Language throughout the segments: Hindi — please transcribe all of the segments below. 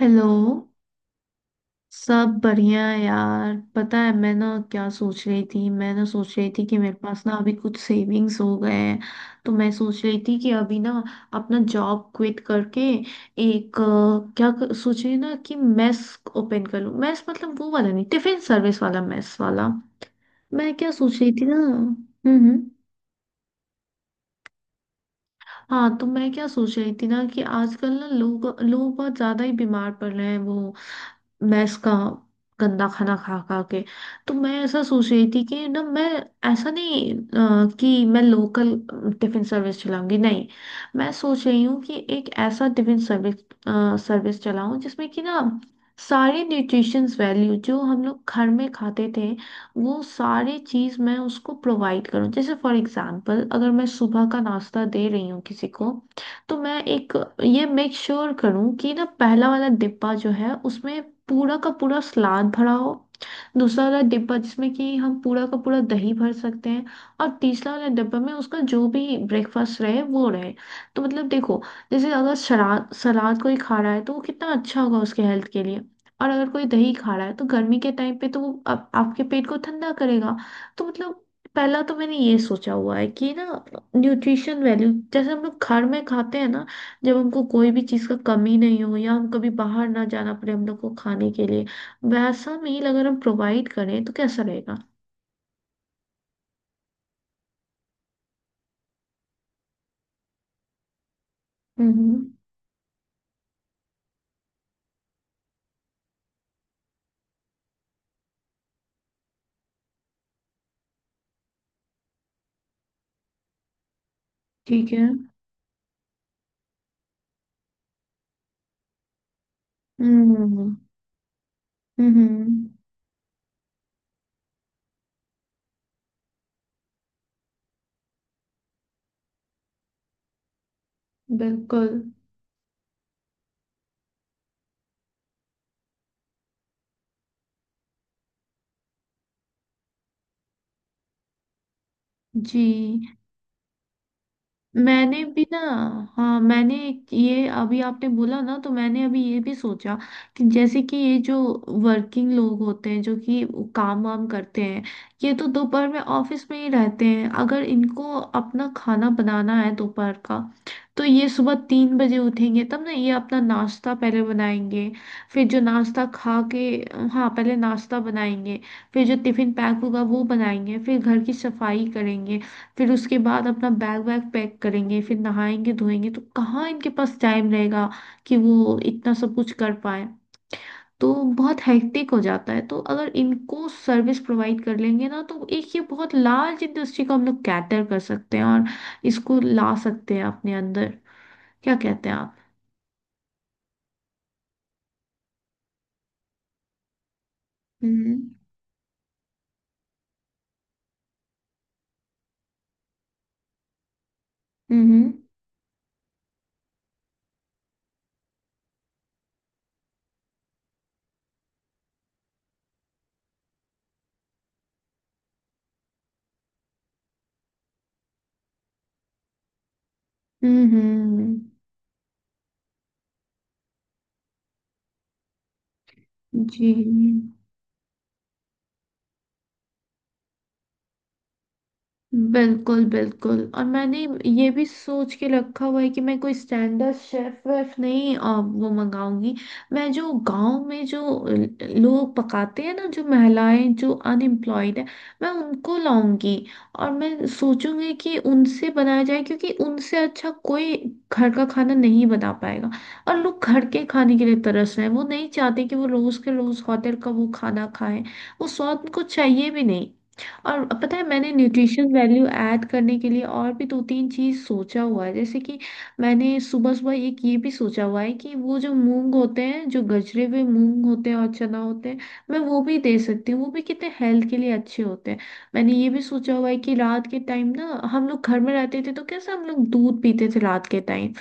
हेलो। सब बढ़िया है यार। पता है मैं ना क्या सोच रही थी? मैं ना सोच रही थी कि मेरे पास ना अभी कुछ सेविंग्स हो गए हैं। तो मैं सोच रही थी कि अभी ना अपना जॉब क्विट करके एक सोच रही हूँ ना कि मेस ओपन कर लूँ। मेस मतलब वो वाला नहीं, टिफिन सर्विस वाला मेस वाला। मैं क्या सोच रही थी ना। हाँ तो मैं क्या सोच रही थी ना कि आजकल ना लोग लोग बहुत ज्यादा ही बीमार पड़ रहे हैं वो मैस का गंदा खाना खा खा के। तो मैं ऐसा सोच रही थी कि ना मैं ऐसा नहीं, कि मैं लोकल टिफिन सर्विस चलाऊंगी नहीं। मैं सोच रही हूँ कि एक ऐसा टिफिन सर्विस सर्विस चलाऊं जिसमें कि ना सारे न्यूट्रिशंस वैल्यू जो हम लोग घर में खाते थे वो सारी चीज़ मैं उसको प्रोवाइड करूं। जैसे फॉर एग्जांपल अगर मैं सुबह का नाश्ता दे रही हूँ किसी को तो मैं एक ये मेक श्योर करूं कि ना पहला वाला डिब्बा जो है उसमें पूरा का पूरा सलाद भरा हो। दूसरा वाला डिब्बा जिसमें कि हम पूरा का पूरा दही भर सकते हैं। और तीसरा वाला डिब्बा में उसका जो भी ब्रेकफास्ट रहे वो रहे। तो मतलब देखो। जैसे अगर सलाद सलाद कोई खा रहा है तो वो कितना अच्छा होगा उसके हेल्थ के लिए। और अगर कोई दही खा रहा है तो गर्मी के टाइम पे तो वो आपके पेट को ठंडा करेगा। तो मतलब पहला तो मैंने ये सोचा हुआ है कि ना न्यूट्रिशन वैल्यू जैसे हम लोग घर में खाते हैं ना, जब हमको कोई भी चीज़ का कमी नहीं हो या हम कभी बाहर ना जाना पड़े हम लोग को खाने के लिए, वैसा मील अगर हम प्रोवाइड करें तो कैसा रहेगा। हम्म। ठीक है। हम्म हम्म। बिल्कुल। जी। मैंने भी ना, हाँ मैंने एक ये अभी आपने बोला ना तो मैंने अभी ये भी सोचा कि जैसे कि ये जो वर्किंग लोग होते हैं जो कि काम वाम करते हैं ये तो दोपहर में ऑफिस में ही रहते हैं। अगर इनको अपना खाना बनाना है दोपहर का तो ये सुबह 3 बजे उठेंगे तब ना ये अपना नाश्ता पहले बनाएंगे। फिर जो नाश्ता खा के, हाँ पहले नाश्ता बनाएंगे। फिर जो टिफिन पैक होगा वो बनाएंगे फिर घर की सफाई करेंगे। फिर उसके बाद अपना बैग वैग पैक करेंगे फिर नहाएंगे धोएंगे तो कहाँ इनके पास टाइम रहेगा कि वो इतना सब कुछ कर पाए। तो बहुत हेक्टिक हो जाता है। तो अगर इनको सर्विस प्रोवाइड कर लेंगे ना तो एक ये बहुत लार्ज इंडस्ट्री को हम लोग कैटर कर सकते हैं और इसको ला सकते हैं अपने अंदर। क्या कहते हैं आप? हम्म हम्म हम्म। जी। बिल्कुल बिल्कुल, और मैंने ये भी सोच के रखा हुआ है कि मैं कोई स्टैंडर्ड शेफ वेफ नहीं वो मंगाऊंगी। मैं जो गांव में जो लोग पकाते हैं ना, जो महिलाएं जो अनएम्प्लॉयड है, मैं उनको लाऊंगी। और मैं सोचूंगी कि उनसे बनाया जाए क्योंकि उनसे अच्छा कोई घर का खाना नहीं बना पाएगा। और लोग घर के खाने के लिए तरस रहे हैं। वो नहीं चाहते कि वो रोज के रोज होटल का वो खाना खाएं। वो स्वाद उनको चाहिए भी नहीं। और पता है मैंने न्यूट्रिशन वैल्यू ऐड करने के लिए और भी दो तीन चीज सोचा हुआ है, जैसे कि मैंने सुबह सुबह एक ये भी सोचा हुआ है कि वो जो मूंग होते हैं जो गजरे हुए मूंग होते हैं और चना होते हैं मैं वो भी दे सकती हूँ। वो भी कितने हेल्थ के लिए अच्छे होते हैं। मैंने ये भी सोचा हुआ है कि रात के टाइम ना हम लोग घर में रहते थे तो कैसे हम लोग दूध पीते थे रात के टाइम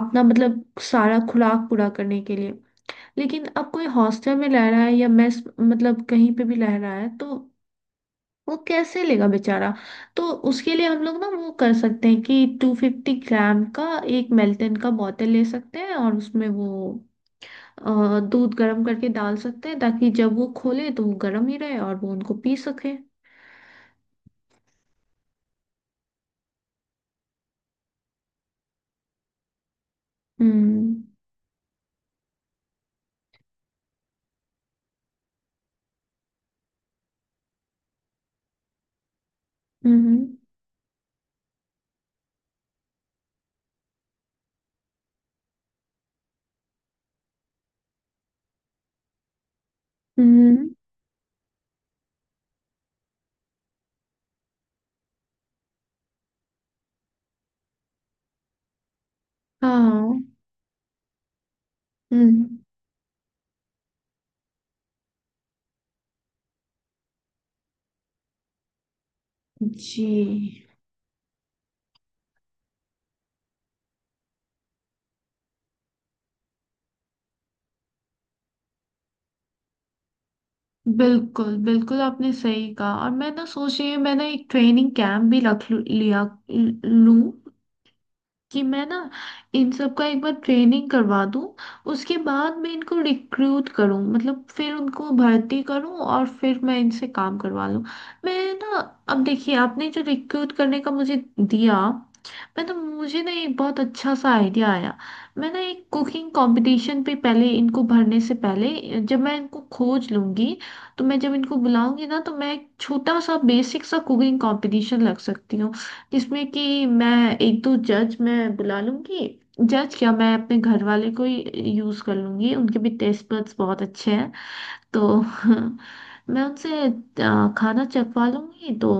अपना मतलब सारा खुराक पूरा करने के लिए। लेकिन अब कोई हॉस्टल में रह रहा है या मेस मतलब कहीं पे भी रह रहा है तो वो कैसे लेगा बेचारा? तो उसके लिए हम लोग ना वो कर सकते हैं कि 250 ग्राम का एक मेल्टन का बोतल ले सकते हैं और उसमें वो दूध गर्म करके डाल सकते हैं ताकि जब वो खोले तो वो गर्म ही रहे और वो उनको पी सके। हम्म हम्म हम्म। हाँ। हम्म। जी। बिल्कुल बिल्कुल आपने सही कहा, और मैं ना सोच रही हूँ मैं ना एक ट्रेनिंग कैंप भी रख लू- लिया लूं। कि मैं ना इन सब का एक बार ट्रेनिंग करवा दूं। उसके बाद मैं इनको रिक्रूट करूं मतलब फिर उनको भर्ती करूं और फिर मैं इनसे काम करवा लूं। मैं ना, अब देखिए आपने जो रिक्रूट करने का मुझे दिया, मैं तो मुझे ना एक बहुत अच्छा सा आइडिया आया। मैं ना एक कुकिंग कंपटीशन पे पहले इनको भरने से पहले जब मैं इनको खोज लूंगी तो मैं जब इनको बुलाऊंगी ना तो मैं एक छोटा सा बेसिक सा कुकिंग कंपटीशन लग सकती हूँ। जिसमें कि मैं एक दो जज मैं बुला लूंगी। जज क्या, मैं अपने घर वाले को ही यूज कर लूंगी। उनके भी टेस्ट बड्स बहुत अच्छे हैं। तो मैं उनसे खाना चखवा लूंगी। तो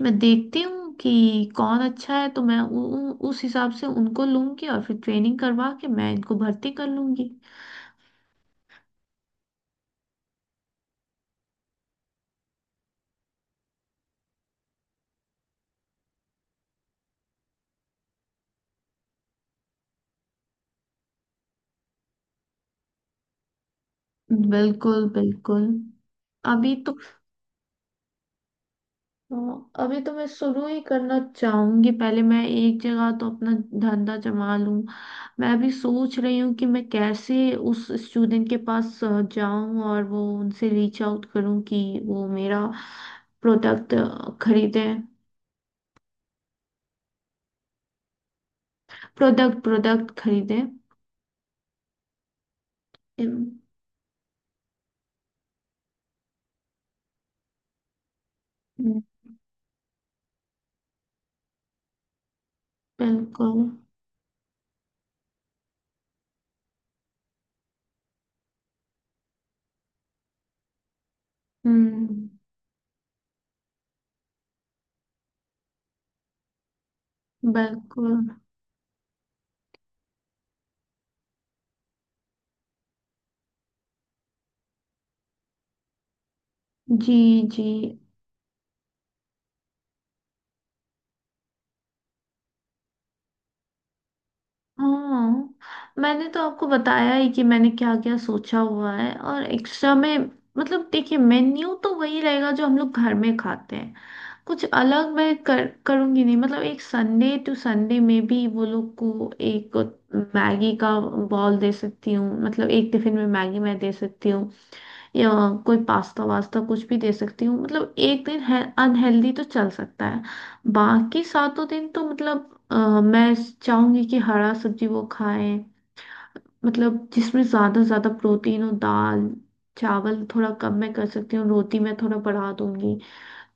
मैं देखती हूँ कि कौन अच्छा है तो मैं उ, उ, उस हिसाब से उनको लूंगी और फिर ट्रेनिंग करवा के मैं इनको भर्ती कर लूंगी। बिल्कुल बिल्कुल। अभी तो हाँ, अभी तो मैं शुरू ही करना चाहूंगी पहले मैं एक जगह तो अपना धंधा जमा लूं। मैं अभी सोच रही हूँ कि मैं कैसे उस स्टूडेंट के पास जाऊं और वो उनसे रीच आउट करूं कि वो मेरा प्रोडक्ट खरीदे। प्रोडक्ट प्रोडक्ट खरीदे। इम, बिल्कुल। हम्म। बिल्कुल। जी जी। हाँ मैंने तो आपको बताया ही कि मैंने क्या क्या सोचा हुआ है और एक्स्ट्रा में। मतलब देखिए मेन्यू तो वही रहेगा जो हम लोग घर में खाते हैं। कुछ अलग मैं कर करूंगी नहीं। मतलब एक संडे टू संडे में भी वो लोग को एक मैगी का बॉल दे सकती हूँ। मतलब एक टिफिन में मैगी मैं दे सकती हूँ या कोई पास्ता वास्ता कुछ भी दे सकती हूँ। मतलब एक दिन है अनहेल्दी तो चल सकता है। बाकी सातों दिन तो मतलब मैं चाहूंगी कि हरा सब्जी वो खाएं। मतलब जिसमें ज्यादा ज्यादा प्रोटीन हो, दाल चावल थोड़ा कम मैं कर सकती हूँ, रोटी मैं थोड़ा बढ़ा दूंगी।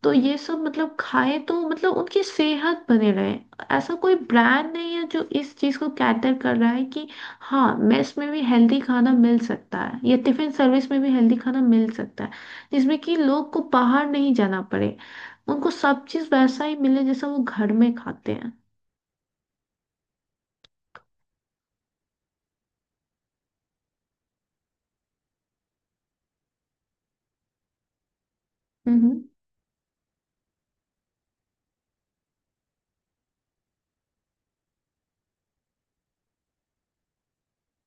तो ये सब मतलब खाए तो मतलब उनकी सेहत बने रहे। ऐसा कोई ब्रांड नहीं है जो इस चीज को कैटर कर रहा है कि हाँ मेस में भी हेल्दी खाना मिल सकता है या टिफिन सर्विस में भी हेल्दी खाना मिल सकता है जिसमें कि लोग को बाहर नहीं जाना पड़े। उनको सब चीज वैसा ही मिले जैसा वो घर में खाते हैं। हम्म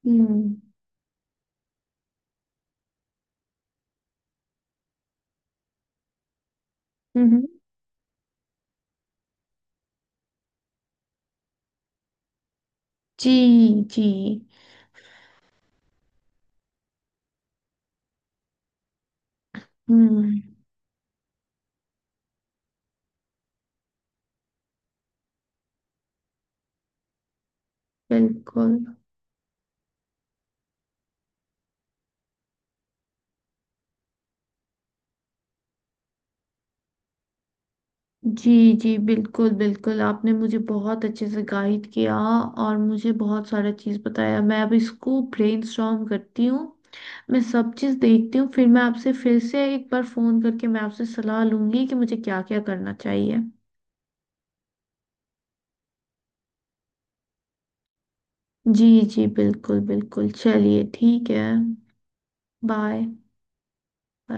हम्म हम्म। हम्म। जी जी। हम्म। बिल्कुल। जी जी बिल्कुल बिल्कुल आपने मुझे बहुत अच्छे से गाइड किया और मुझे बहुत सारा चीज़ बताया। मैं अब इसको ब्रेनस्टॉर्म करती हूँ। मैं सब चीज़ देखती हूँ फिर मैं आपसे फिर से एक बार फ़ोन करके मैं आपसे सलाह लूँगी कि मुझे क्या क्या करना चाहिए। जी जी बिल्कुल बिल्कुल। चलिए ठीक है। बाय।